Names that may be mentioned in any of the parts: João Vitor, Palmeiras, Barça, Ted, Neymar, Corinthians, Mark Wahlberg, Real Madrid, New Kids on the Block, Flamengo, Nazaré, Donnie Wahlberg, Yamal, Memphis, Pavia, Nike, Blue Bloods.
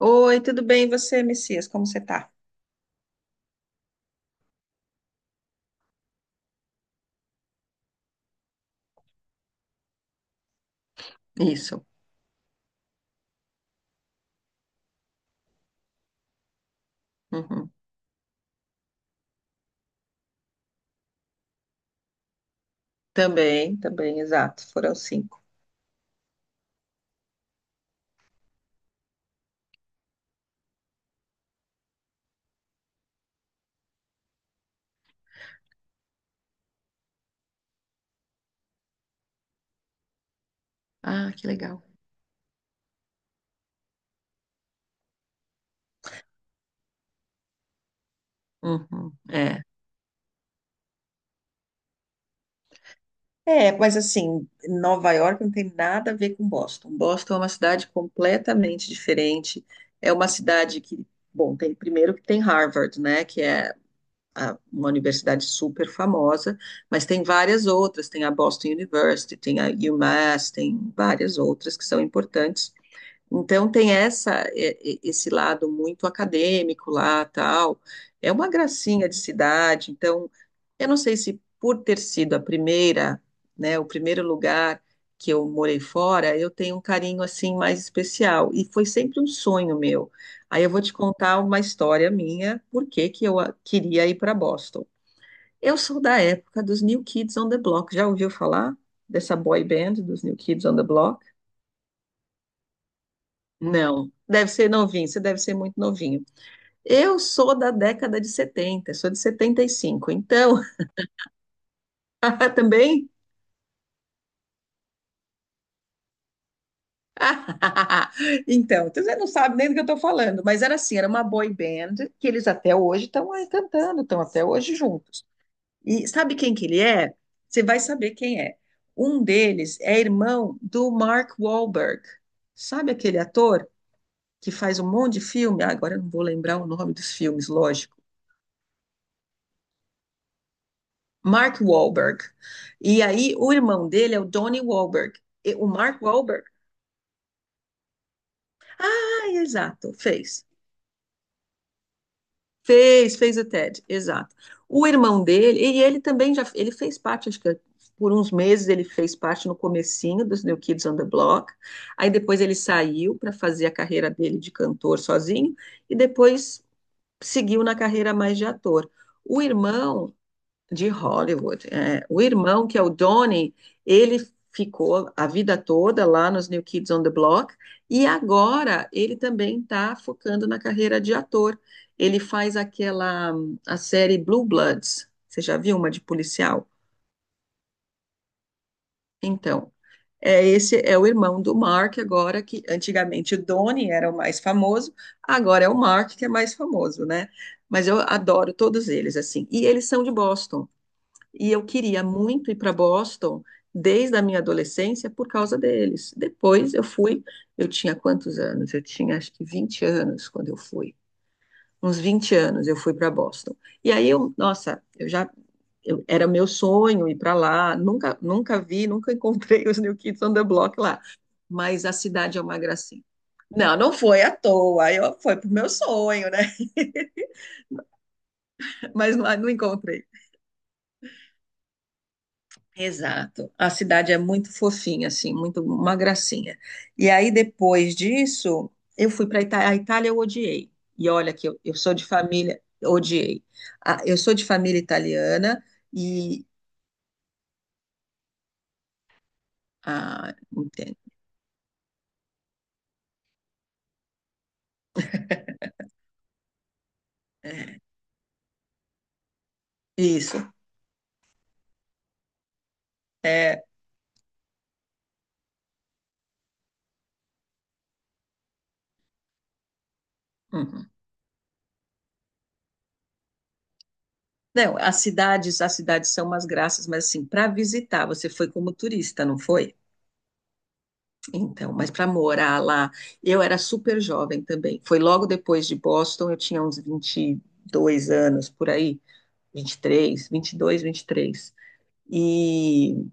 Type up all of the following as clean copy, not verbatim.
Oi, tudo bem? E você, Messias? Como você tá? Isso. Uhum. Também, também, exato. Foram cinco. Ah, que legal. Uhum. É. É, mas assim, Nova York não tem nada a ver com Boston. Boston é uma cidade completamente diferente. É uma cidade que, bom, tem primeiro que tem Harvard, né, que é uma universidade super famosa, mas tem várias outras. Tem a Boston University, tem a UMass, tem várias outras que são importantes. Então tem essa esse lado muito acadêmico lá, tal. É uma gracinha de cidade. Então, eu não sei se por ter sido a primeira, né, o primeiro lugar que eu morei fora, eu tenho um carinho assim mais especial e foi sempre um sonho meu. Aí eu vou te contar uma história minha, por que que eu queria ir para Boston. Eu sou da época dos New Kids on the Block. Já ouviu falar dessa boy band dos New Kids on the Block? Não, deve ser novinho, você deve ser muito novinho. Eu sou da década de 70, sou de 75. Então, Ah, também? Então, você não sabe nem do que eu estou falando, mas era assim, era uma boy band que eles até hoje estão aí cantando, estão até hoje juntos. E sabe quem que ele é? Você vai saber quem é. Um deles é irmão do Mark Wahlberg. Sabe aquele ator que faz um monte de filme? Ah, agora eu não vou lembrar o nome dos filmes, lógico. Mark Wahlberg. E aí o irmão dele é o Donnie Wahlberg. E o Mark Wahlberg, ah, exato, fez. Fez o Ted, exato. O irmão dele, e ele também já, ele fez parte, acho que por uns meses ele fez parte no comecinho dos New Kids on the Block. Aí depois ele saiu para fazer a carreira dele de cantor sozinho e depois seguiu na carreira mais de ator. O irmão de Hollywood. É. O irmão, que é o Donnie, ele ficou a vida toda lá nos New Kids on the Block e agora ele também está focando na carreira de ator. Ele faz aquela a série Blue Bloods. Você já viu uma de policial? Então, é, esse é o irmão do Mark, agora que antigamente o Donnie era o mais famoso, agora é o Mark que é mais famoso, né? Mas eu adoro todos eles assim. E eles são de Boston. E eu queria muito ir para Boston desde a minha adolescência por causa deles. Depois eu fui, eu tinha quantos anos? Eu tinha acho que 20 anos quando eu fui. Uns 20 anos eu fui para Boston. E aí eu, nossa, era meu sonho ir para lá. Nunca, nunca vi, nunca encontrei os New Kids on the Block lá. Mas a cidade é uma gracinha. Não, não foi à toa. Eu foi pro meu sonho, né? Mas lá não encontrei. Exato. A cidade é muito fofinha, assim, muito uma gracinha. E aí, depois disso, eu fui para a Itália. A Itália eu odiei. E olha que eu sou de família, odiei. Ah, eu sou de família italiana e. Ah, entendo. É, isso. É. Uhum. Não, as cidades são umas graças, mas assim, para visitar, você foi como turista, não foi? Então, mas para morar lá, eu era super jovem também. Foi logo depois de Boston, eu tinha uns 22 anos por aí, vinte e três, 22, 23. E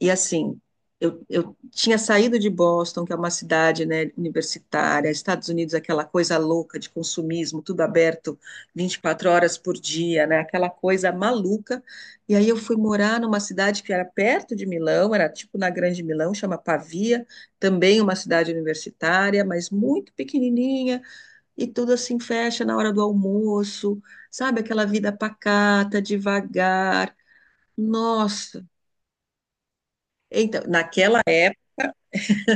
e assim, eu tinha saído de Boston, que é uma cidade, né, universitária, Estados Unidos, aquela coisa louca de consumismo, tudo aberto 24 horas por dia, né, aquela coisa maluca. E aí eu fui morar numa cidade que era perto de Milão, era tipo na Grande Milão, chama Pavia, também uma cidade universitária, mas muito pequenininha, e tudo assim fecha na hora do almoço, sabe, aquela vida pacata, devagar. Nossa, então, naquela.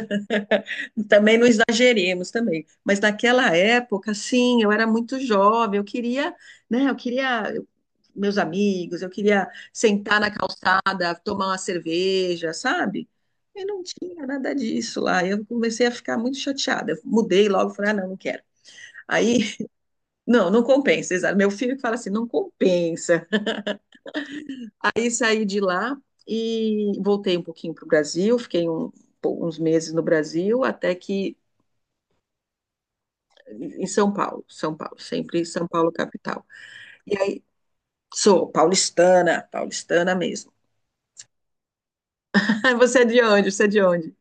Também não exageremos também, mas naquela época, sim, eu era muito jovem, eu queria, né, eu queria meus amigos, eu queria sentar na calçada, tomar uma cerveja, sabe? E não tinha nada disso lá. Eu comecei a ficar muito chateada. Eu mudei logo, falei, ah, não, não quero. Aí, não, não compensa, exato. Meu filho que fala assim, não compensa. Aí saí de lá e voltei um pouquinho para o Brasil, fiquei uns meses no Brasil, até que em São Paulo, São Paulo, sempre São Paulo capital. E aí, sou paulistana, paulistana mesmo. Você é de onde? Você é de onde?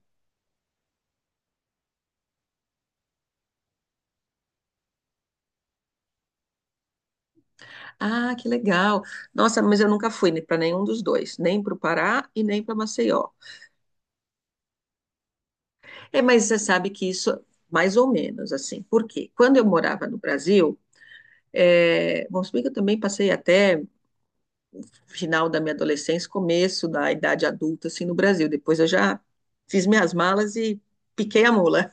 Ah, que legal. Nossa, mas eu nunca fui para nenhum dos dois, nem para o Pará e nem para Maceió. É, mas você sabe que isso, mais ou menos, assim. Por quê? Quando eu morava no Brasil, é, bom, se bem que eu também passei até final da minha adolescência, começo da idade adulta, assim, no Brasil. Depois eu já fiz minhas malas e piquei a mula.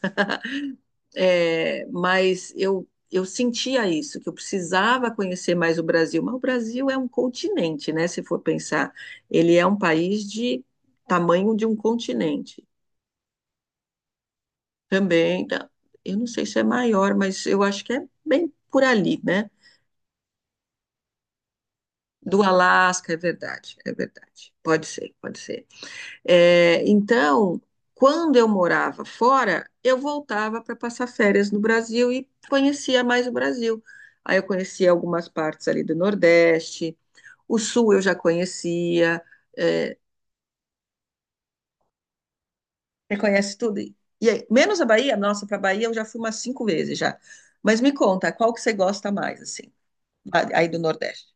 É, mas eu sentia isso, que eu precisava conhecer mais o Brasil. Mas o Brasil é um continente, né? Se for pensar, ele é um país de tamanho de um continente. Também, eu não sei se é maior, mas eu acho que é bem por ali, né? Do Alasca, é verdade, é verdade. Pode ser, pode ser. É, então, quando eu morava fora, eu voltava para passar férias no Brasil e conhecia mais o Brasil. Aí eu conhecia algumas partes ali do Nordeste, o Sul eu já conhecia, é, você conhece tudo. E aí, menos a Bahia, nossa, para a Bahia eu já fui umas cinco vezes já. Mas me conta, qual que você gosta mais, assim, aí do Nordeste?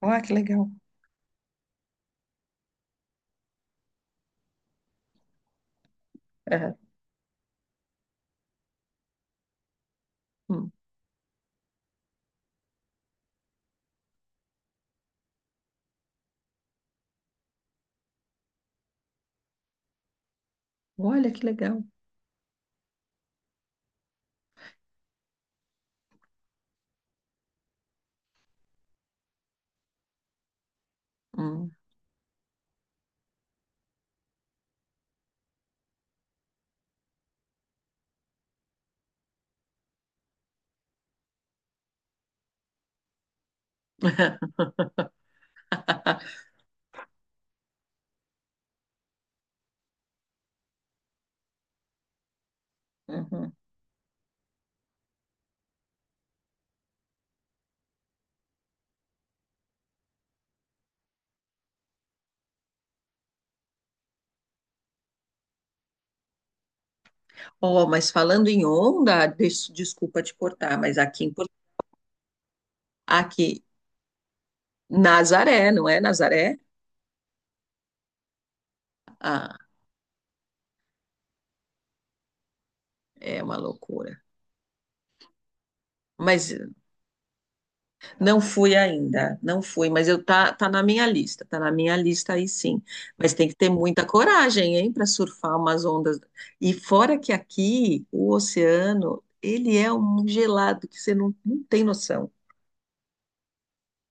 Ah, que legal. Aham. Hum. Olha que legal. Hum. Uhum. Ó, mas falando em onda, desculpa te cortar, mas aqui Nazaré, não é Nazaré? Ah, é uma loucura. Mas não fui ainda, não fui, mas tá na minha lista, tá na minha lista aí sim. Mas tem que ter muita coragem, hein, para surfar umas ondas. E fora que aqui o oceano, ele é um gelado que você não, não tem noção.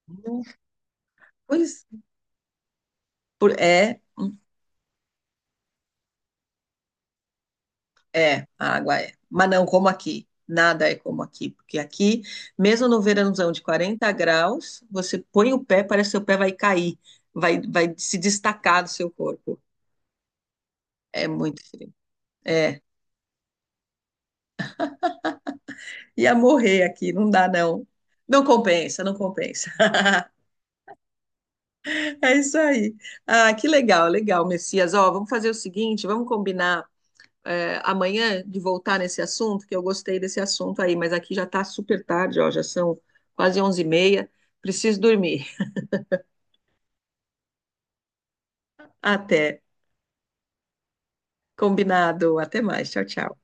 Não, pois é. É, a água é. Mas não como aqui. Nada é como aqui. Porque aqui, mesmo no verãozão de 40 graus, você põe o pé, parece que seu pé vai cair, vai se destacar do seu corpo. É muito frio. É. Ia morrer aqui, não dá não. Não compensa, não compensa. É isso aí. Ah, que legal, legal, Messias. Ó, vamos fazer o seguinte, vamos combinar amanhã de voltar nesse assunto, que eu gostei desse assunto aí, mas aqui já está super tarde, ó, já são quase 11h30, preciso dormir. Até, combinado, até mais, tchau, tchau.